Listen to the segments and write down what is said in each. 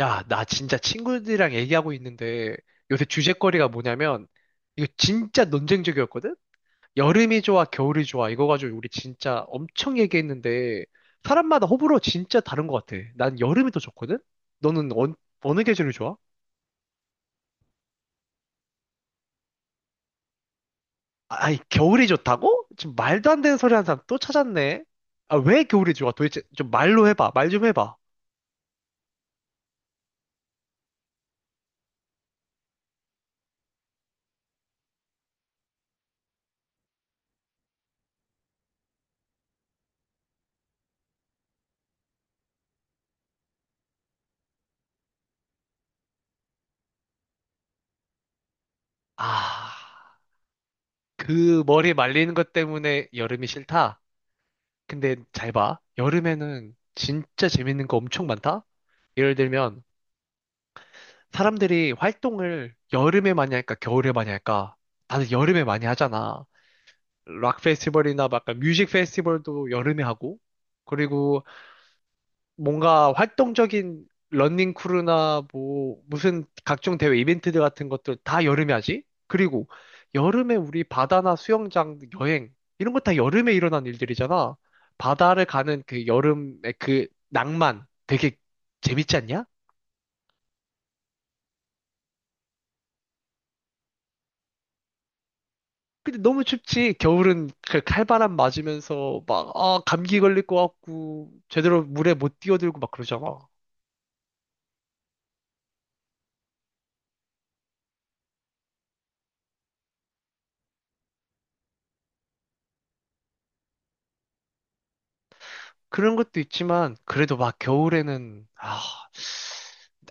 야, 나 진짜 친구들이랑 얘기하고 있는데 요새 주제거리가 뭐냐면 이거 진짜 논쟁적이었거든? 여름이 좋아, 겨울이 좋아 이거 가지고 우리 진짜 엄청 얘기했는데 사람마다 호불호 진짜 다른 것 같아. 난 여름이 더 좋거든? 너는 어느 계절이 좋아? 아, 아니, 겨울이 좋다고? 지금 말도 안 되는 소리 하는 사람 또 찾았네. 아, 왜 겨울이 좋아? 도대체 좀 말로 해봐. 말 좀 해봐. 아, 그 머리 말리는 것 때문에 여름이 싫다? 근데 잘 봐. 여름에는 진짜 재밌는 거 엄청 많다? 예를 들면, 사람들이 활동을 여름에 많이 할까, 겨울에 많이 할까? 다들 여름에 많이 하잖아. 락 페스티벌이나 막 약간 뮤직 페스티벌도 여름에 하고, 그리고 뭔가 활동적인 러닝 크루나 뭐 무슨 각종 대회 이벤트들 같은 것들 다 여름에 하지? 그리고 여름에 우리 바다나 수영장 여행 이런 거 다 여름에 일어난 일들이잖아. 바다를 가는 그 여름의 그 낭만 되게 재밌지 않냐? 근데 너무 춥지. 겨울은 그 칼바람 맞으면서 막 아, 감기 걸릴 것 같고 제대로 물에 못 뛰어들고 막 그러잖아. 그런 것도 있지만 그래도 막 겨울에는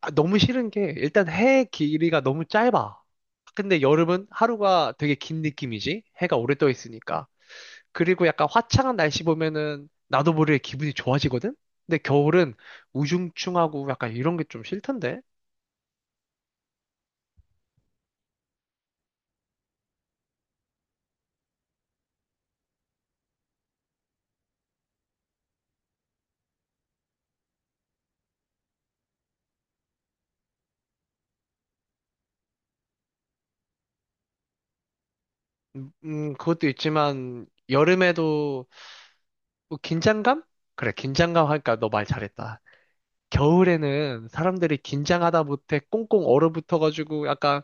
아, 너무 싫은 게 일단 해 길이가 너무 짧아. 근데 여름은 하루가 되게 긴 느낌이지. 해가 오래 떠 있으니까. 그리고 약간 화창한 날씨 보면은 나도 모르게 기분이 좋아지거든. 근데 겨울은 우중충하고 약간 이런 게 좀 싫던데. 그것도 있지만 여름에도 뭐 긴장감? 그래, 긴장감 하니까 너 말 잘했다. 겨울에는 사람들이 긴장하다 못해 꽁꽁 얼어붙어가지고 약간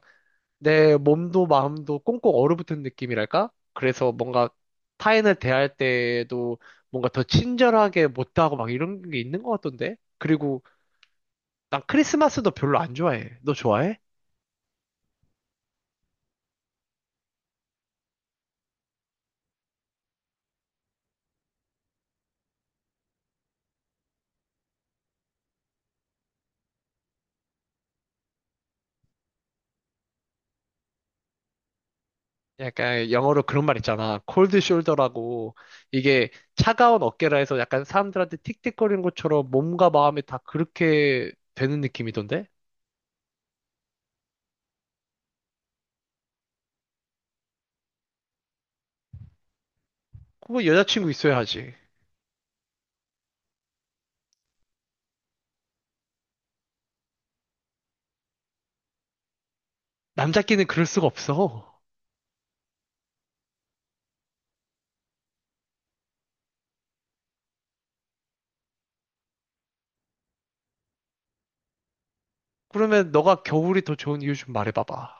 내 몸도 마음도 꽁꽁 얼어붙은 느낌이랄까? 그래서 뭔가 타인을 대할 때에도 뭔가 더 친절하게 못하고 막 이런 게 있는 것 같던데? 그리고 난 크리스마스도 별로 안 좋아해. 너 좋아해? 약간 영어로 그런 말 있잖아. 콜드 숄더라고. 이게 차가운 어깨라 해서 약간 사람들한테 틱틱거리는 것처럼 몸과 마음이 다 그렇게 되는 느낌이던데? 그거 여자친구 있어야 하지. 남자끼는 그럴 수가 없어. 그러면 너가 겨울이 더 좋은 이유 좀 말해봐봐.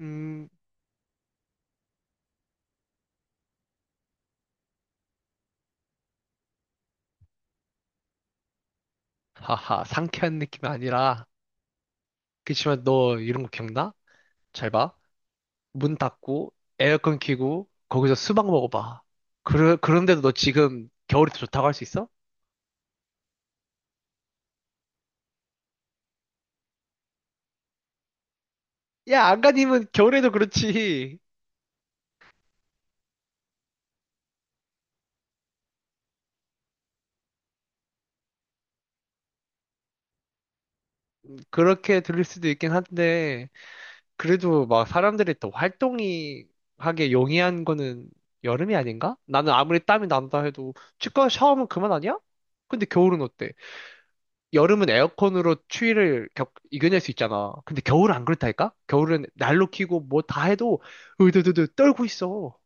음, 하하, 상쾌한 느낌이 아니라. 그치만 너 이런 거 기억나? 잘 봐. 문 닫고, 에어컨 켜고, 거기서 수박 먹어봐. 그런데도 너 지금 겨울이 더 좋다고 할 수 있어? 야, 안가님은 겨울에도 그렇지. 그렇게 들릴 수도 있긴 한데, 그래도 막 사람들이 더 활동이 하게 용이한 거는 여름이 아닌가? 나는 아무리 땀이 난다 해도 치과 샤워하면 그만 아니야? 근데 겨울은 어때? 여름은 에어컨으로 이겨낼 수 있잖아. 근데 겨울은 안 그렇다니까? 겨울은 난로 켜고 뭐 다 해도 으드드드 떨고 있어.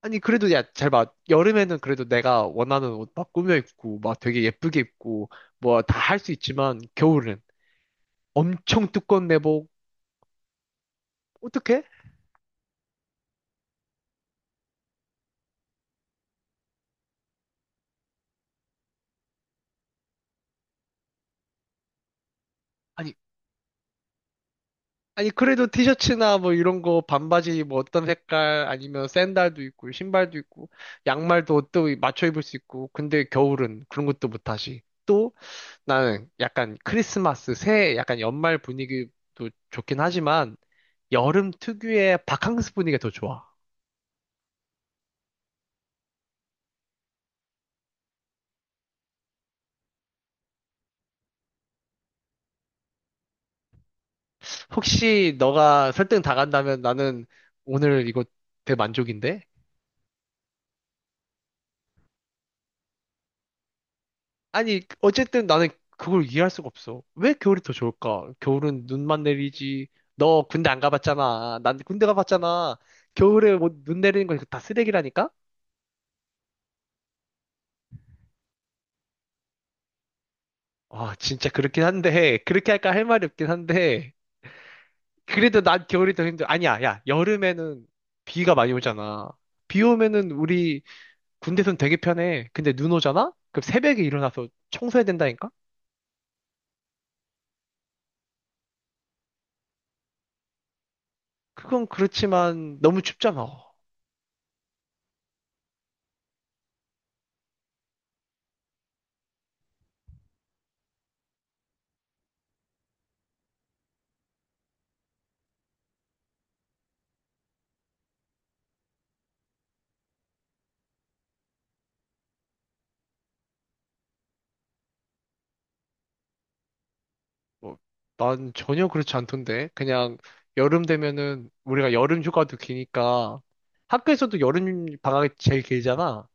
아니 그래도 야 잘 봐. 여름에는 그래도 내가 원하는 옷 막 꾸며 입고 막 되게 예쁘게 입고 뭐 다 할 수 있지만 겨울은 엄청 두꺼운 내복 어떡해? 아니 아니, 그래도 티셔츠나 뭐 이런 거, 반바지 뭐 어떤 색깔, 아니면 샌들도 있고, 신발도 있고, 양말도 또 맞춰 입을 수 있고, 근데 겨울은 그런 것도 못하지. 또 나는 약간 크리스마스, 새해 약간 연말 분위기도 좋긴 하지만, 여름 특유의 바캉스 분위기가 더 좋아. 혹시 너가 설득 다 간다면 나는 오늘 이거 대만족인데? 아니, 어쨌든 나는 그걸 이해할 수가 없어. 왜 겨울이 더 좋을까? 겨울은 눈만 내리지. 너 군대 안 가봤잖아. 난 군대 가봤잖아. 겨울에 뭐 눈 내리는 거 다 쓰레기라니까? 아, 진짜 그렇긴 한데, 그렇게 할까 할 말이 없긴 한데, 그래도 난 겨울이 더 힘들어. 아니야, 야, 여름에는 비가 많이 오잖아. 비 오면은 우리 군대선 되게 편해. 근데 눈 오잖아? 그럼 새벽에 일어나서 청소해야 된다니까? 그건 그렇지만 너무 춥잖아. 뭐, 난 전혀 그렇지 않던데. 그냥 여름 되면은 우리가 여름 휴가도 기니까 학교에서도 여름 방학이 제일 길잖아.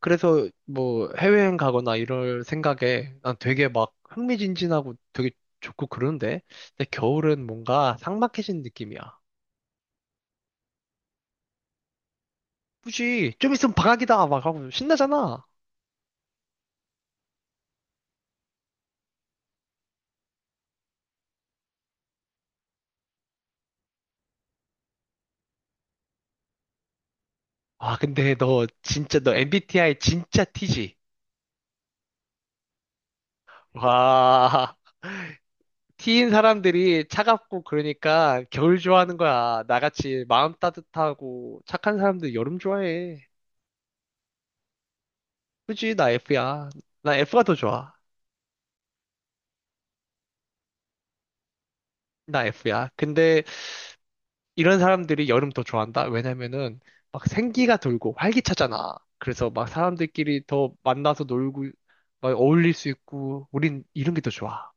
그래서 뭐 해외여행 가거나 이럴 생각에 난 되게 막 흥미진진하고 되게 좋고 그러는데. 근데 겨울은 뭔가 삭막해진 느낌이야. 굳이 좀 있으면 방학이다 막 하고 신나잖아. 아, 근데 너 진짜 너 MBTI 진짜 T지? 와. T인 사람들이 차갑고 그러니까 겨울 좋아하는 거야. 나같이 마음 따뜻하고 착한 사람들 여름 좋아해. 그지? 나 F야. 나 F가 더 좋아. 나 F야. 근데 이런 사람들이 여름 더 좋아한다? 왜냐면은 막 생기가 돌고 활기차잖아. 그래서 막 사람들끼리 더 만나서 놀고 막 어울릴 수 있고 우린 이런 게 더 좋아.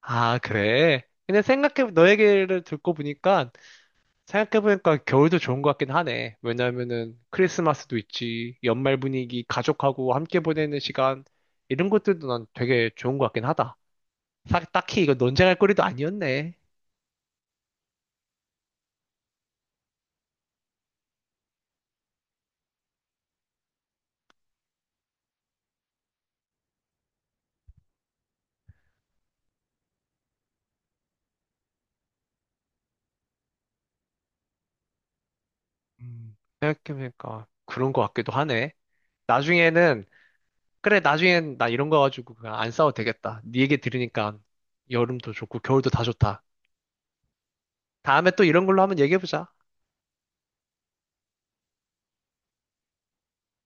아, 그래? 근데 너 얘기를 듣고 보니까 생각해보니까 겨울도 좋은 것 같긴 하네. 왜냐면은 크리스마스도 있지, 연말 분위기, 가족하고 함께 보내는 시간, 이런 것들도 난 되게 좋은 것 같긴 하다. 딱히 이거 논쟁할 거리도 아니었네. 생각해보니까 그런 것 같기도 하네. 나중에는, 그래, 나중엔 나 이런 거 가지고 그냥 안 싸워도 되겠다. 네 얘기 들으니까 여름도 좋고 겨울도 다 좋다. 다음에 또 이런 걸로 한번 얘기해보자.